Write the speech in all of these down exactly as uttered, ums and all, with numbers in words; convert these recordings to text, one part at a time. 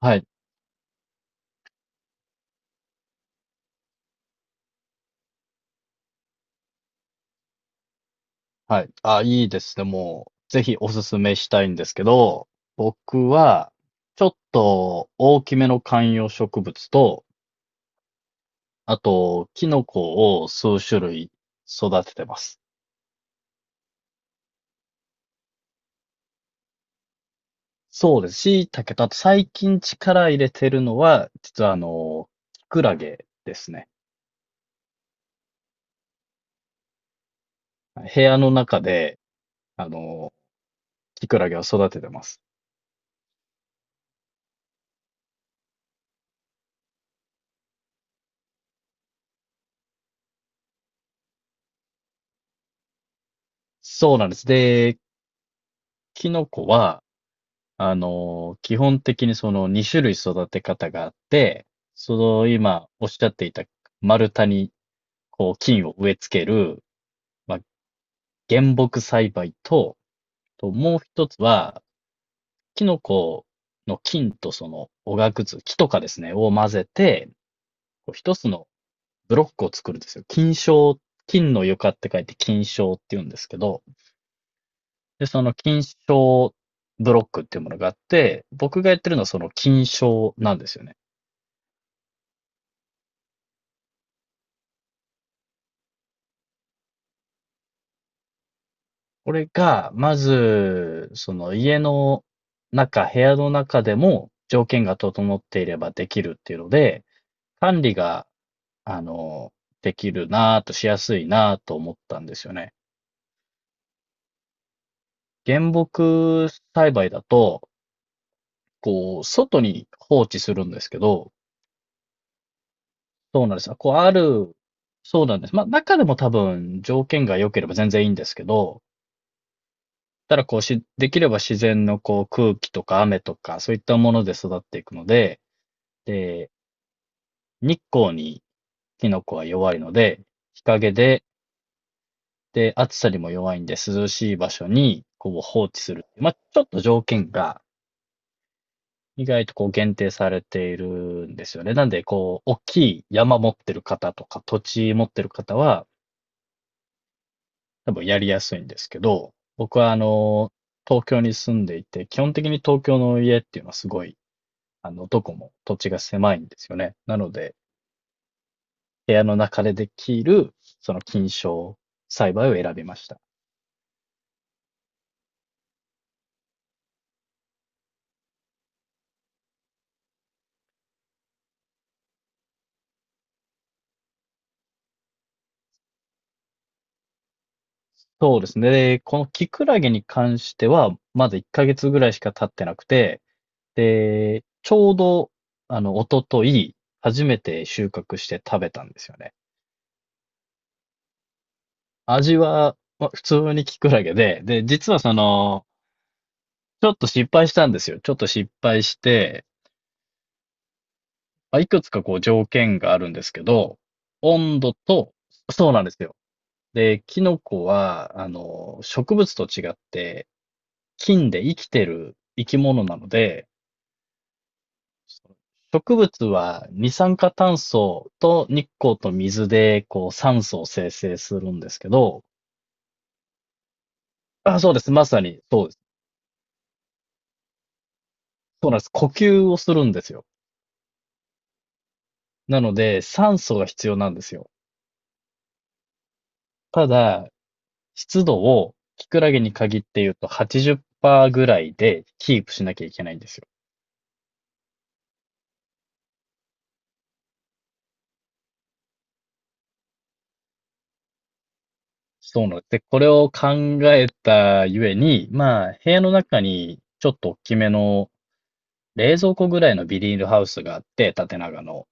はい、はい。あ、いいですね。もう、ぜひおすすめしたいんですけど、僕は、ちょっと大きめの観葉植物と、あと、キノコを数種類育ててます。そうです。椎茸と、あと最近力入れてるのは、実はあの、キクラゲですね。部屋の中で、あの、キクラゲを育ててます。そうなんです。で、キノコは、あの、基本的にそのに種類育て方があって、その今おっしゃっていた丸太にこう菌を植え付ける、まあ、原木栽培と、ともう一つは、キノコの菌とそのおがくず、木とかですね、を混ぜて、こう一つのブロックを作るんですよ。菌床、菌の床って書いて菌床って言うんですけど、で、その菌床ブロックっていうものがあって、僕がやってるのはその菌床なんですよね。これが、まず、その家の中、部屋の中でも条件が整っていればできるっていうので、管理が、あの、できるなぁと、しやすいなぁと思ったんですよね。原木栽培だと、こう、外に放置するんですけど、そうなんですよ。こう、ある、そうなんです。まあ、中でも多分条件が良ければ全然いいんですけど、ただこうし、できれば自然のこう空気とか雨とか、そういったもので育っていくので、で、日光にキノコは弱いので、日陰で、で、暑さにも弱いんで、涼しい場所に、こう、放置する。まあ、ちょっと条件が、意外とこう、限定されているんですよね。なんで、こう、大きい山持ってる方とか、土地持ってる方は、多分やりやすいんですけど、僕は、あの、東京に住んでいて、基本的に東京の家っていうのはすごい、あの、どこも土地が狭いんですよね。なので、部屋の中でできる、その菌床栽培を選びました。そうですね。で、このキクラゲに関しては、まだいっかげつぐらいしか経ってなくて、で、ちょうど、あの、一昨と初めて収穫して食べたんですよね。味は、まあ普通にキクラゲで、で、実はその、ちょっと失敗したんですよ。ちょっと失敗して、まあ、いくつかこう条件があるんですけど、温度と、そうなんですよ。で、キノコは、あの、植物と違って、菌で生きてる生き物なので、植物は二酸化炭素と日光と水で、こう、酸素を生成するんですけど、あ、そうです。まさに、そうです。そうなんです。呼吸をするんですよ。なので、酸素が必要なんですよ。ただ、湿度を、キクラゲに限って言うとはちじゅっパーセントぐらいでキープしなきゃいけないんですよ。そうなんです。で、これを考えたゆえに、まあ、部屋の中にちょっと大きめの冷蔵庫ぐらいのビニールハウスがあって、縦長の。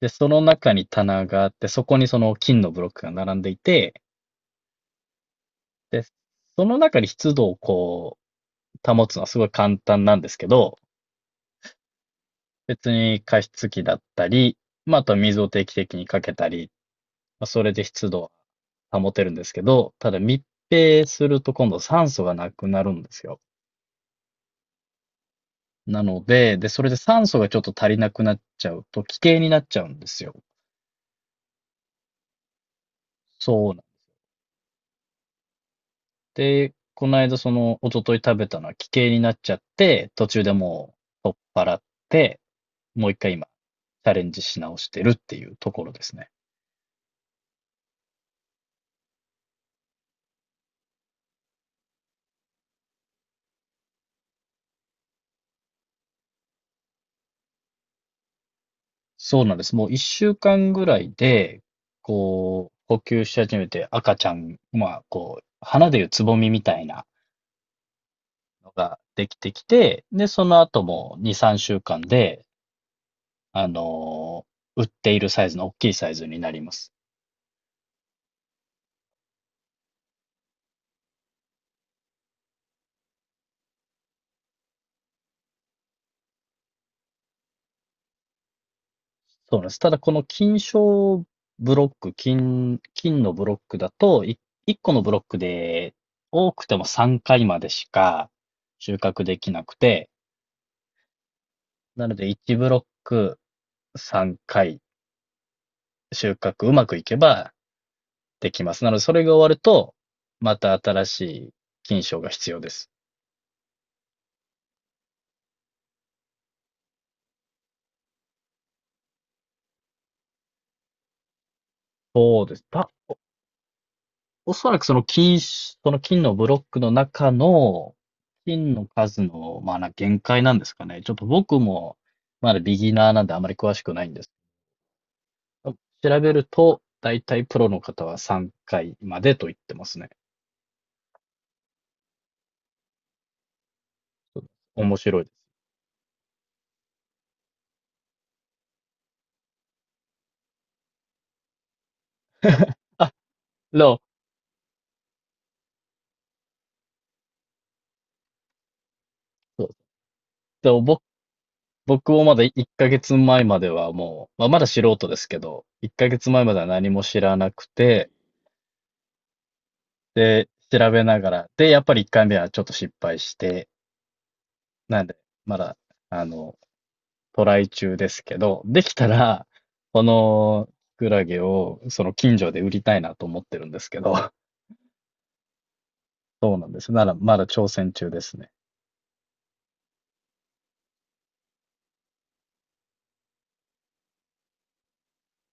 で、その中に棚があって、そこにその金のブロックが並んでいて、で、その中に湿度をこう、保つのはすごい簡単なんですけど、別に加湿器だったり、まあ、あとは水を定期的にかけたり、まあ、それで湿度を保てるんですけど、ただ密閉すると今度酸素がなくなるんですよ。なので、で、それで酸素がちょっと足りなくなっちゃうと、奇形になっちゃうんですよ。そうなん。で、この間その、一昨日食べたのは奇形になっちゃって、途中でもう取っ払って、もう一回今、チャレンジし直してるっていうところですね。そうなんです。もう一週間ぐらいで、こう、呼吸し始めて赤ちゃん、まあ、こう、花でいうつぼみみたいなのができてきて、で、その後もに、さんしゅうかんで、あの、売っているサイズの大きいサイズになります。そうなんです。ただこの金賞ブロック、金、金のブロックだと、いいっこのブロックで多くてもさんかいまでしか収穫できなくて、なのでいちブロックさんかい収穫うまくいけばできます。なのでそれが終わると、また新しい金賞が必要です。そうです。たおそらくその金し、その金のブロックの中の金の数の、まあな、限界なんですかね。ちょっと僕もまだビギナーなんであまり詳しくないんですけど。調べると、だいたいプロの方はさんかいまでと言ってますね。面白いです。でも、そうでも僕、僕もまだいっかげつまえまえまではもう、まあ、まだ素人ですけど、いっかげつまえまえまでは何も知らなくて、で、調べながら、で、やっぱりいっかいめはちょっと失敗して、なんで、まだ、あの、トライ中ですけど、できたら、このキクラゲをその近所で売りたいなと思ってるんですけど、そうなんです。なら、まだ挑戦中ですね。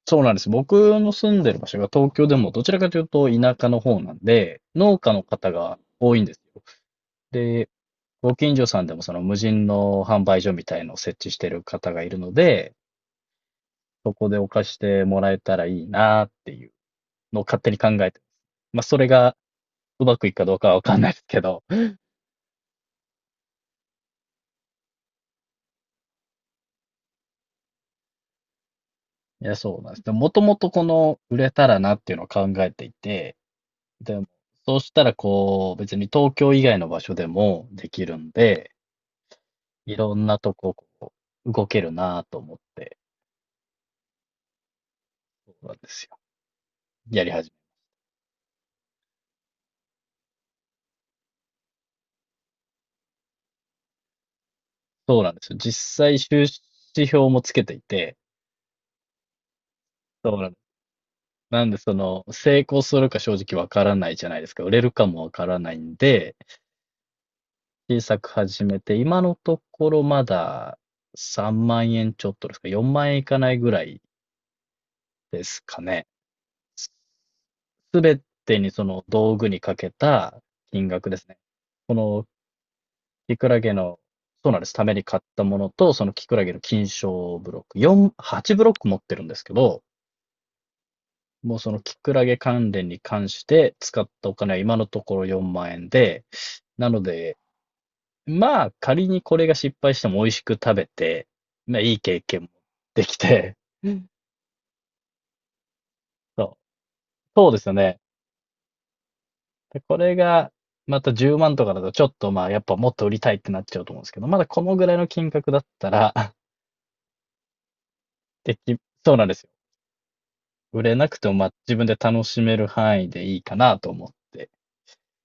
そうなんです。僕の住んでる場所が東京でもどちらかというと田舎の方なんで、農家の方が多いんですよ。で、ご近所さんでもその無人の販売所みたいのを設置してる方がいるので、そこでお貸してもらえたらいいなっていうのを勝手に考えてます。まあ、それがうまくいくかどうかはわかんないですけど、いや、そうなんです。でも、もともとこの、売れたらなっていうのを考えていて、でも、そうしたら、こう、別に東京以外の場所でもできるんで、いろんなとこ、こう、動けるなと思って、そうなんですよ。やり始め。そうなんですよ。実際、収支表もつけていて、そうなんです。なんで、その、成功するか正直わからないじゃないですか。売れるかもわからないんで、小さく始めて、今のところまださんまん円ちょっとですか、よんまん円いかないぐらいですかね。すべてにその道具にかけた金額ですね。このキクラゲの、そうなんです。ために買ったものと、そのキクラゲの金賞ブロック、よん、はちブロック持ってるんですけど、もうそのキクラゲ関連に関して使ったお金は今のところよんまん円で、なので、まあ仮にこれが失敗しても美味しく食べて、まあいい経験もできて、そう、そうですよね。で、これが、またじゅうまんとかだと、ちょっとまあ、やっぱもっと売りたいってなっちゃうと思うんですけど、まだこのぐらいの金額だったら、でき、そうなんですよ。売れなくても、まあ、自分で楽しめる範囲でいいかなと思って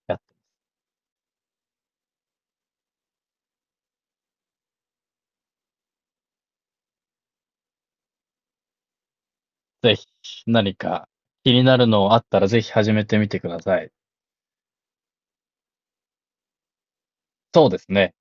やって、ぜひ、何か気になるのあったら、ぜひ始めてみてください。そうですね。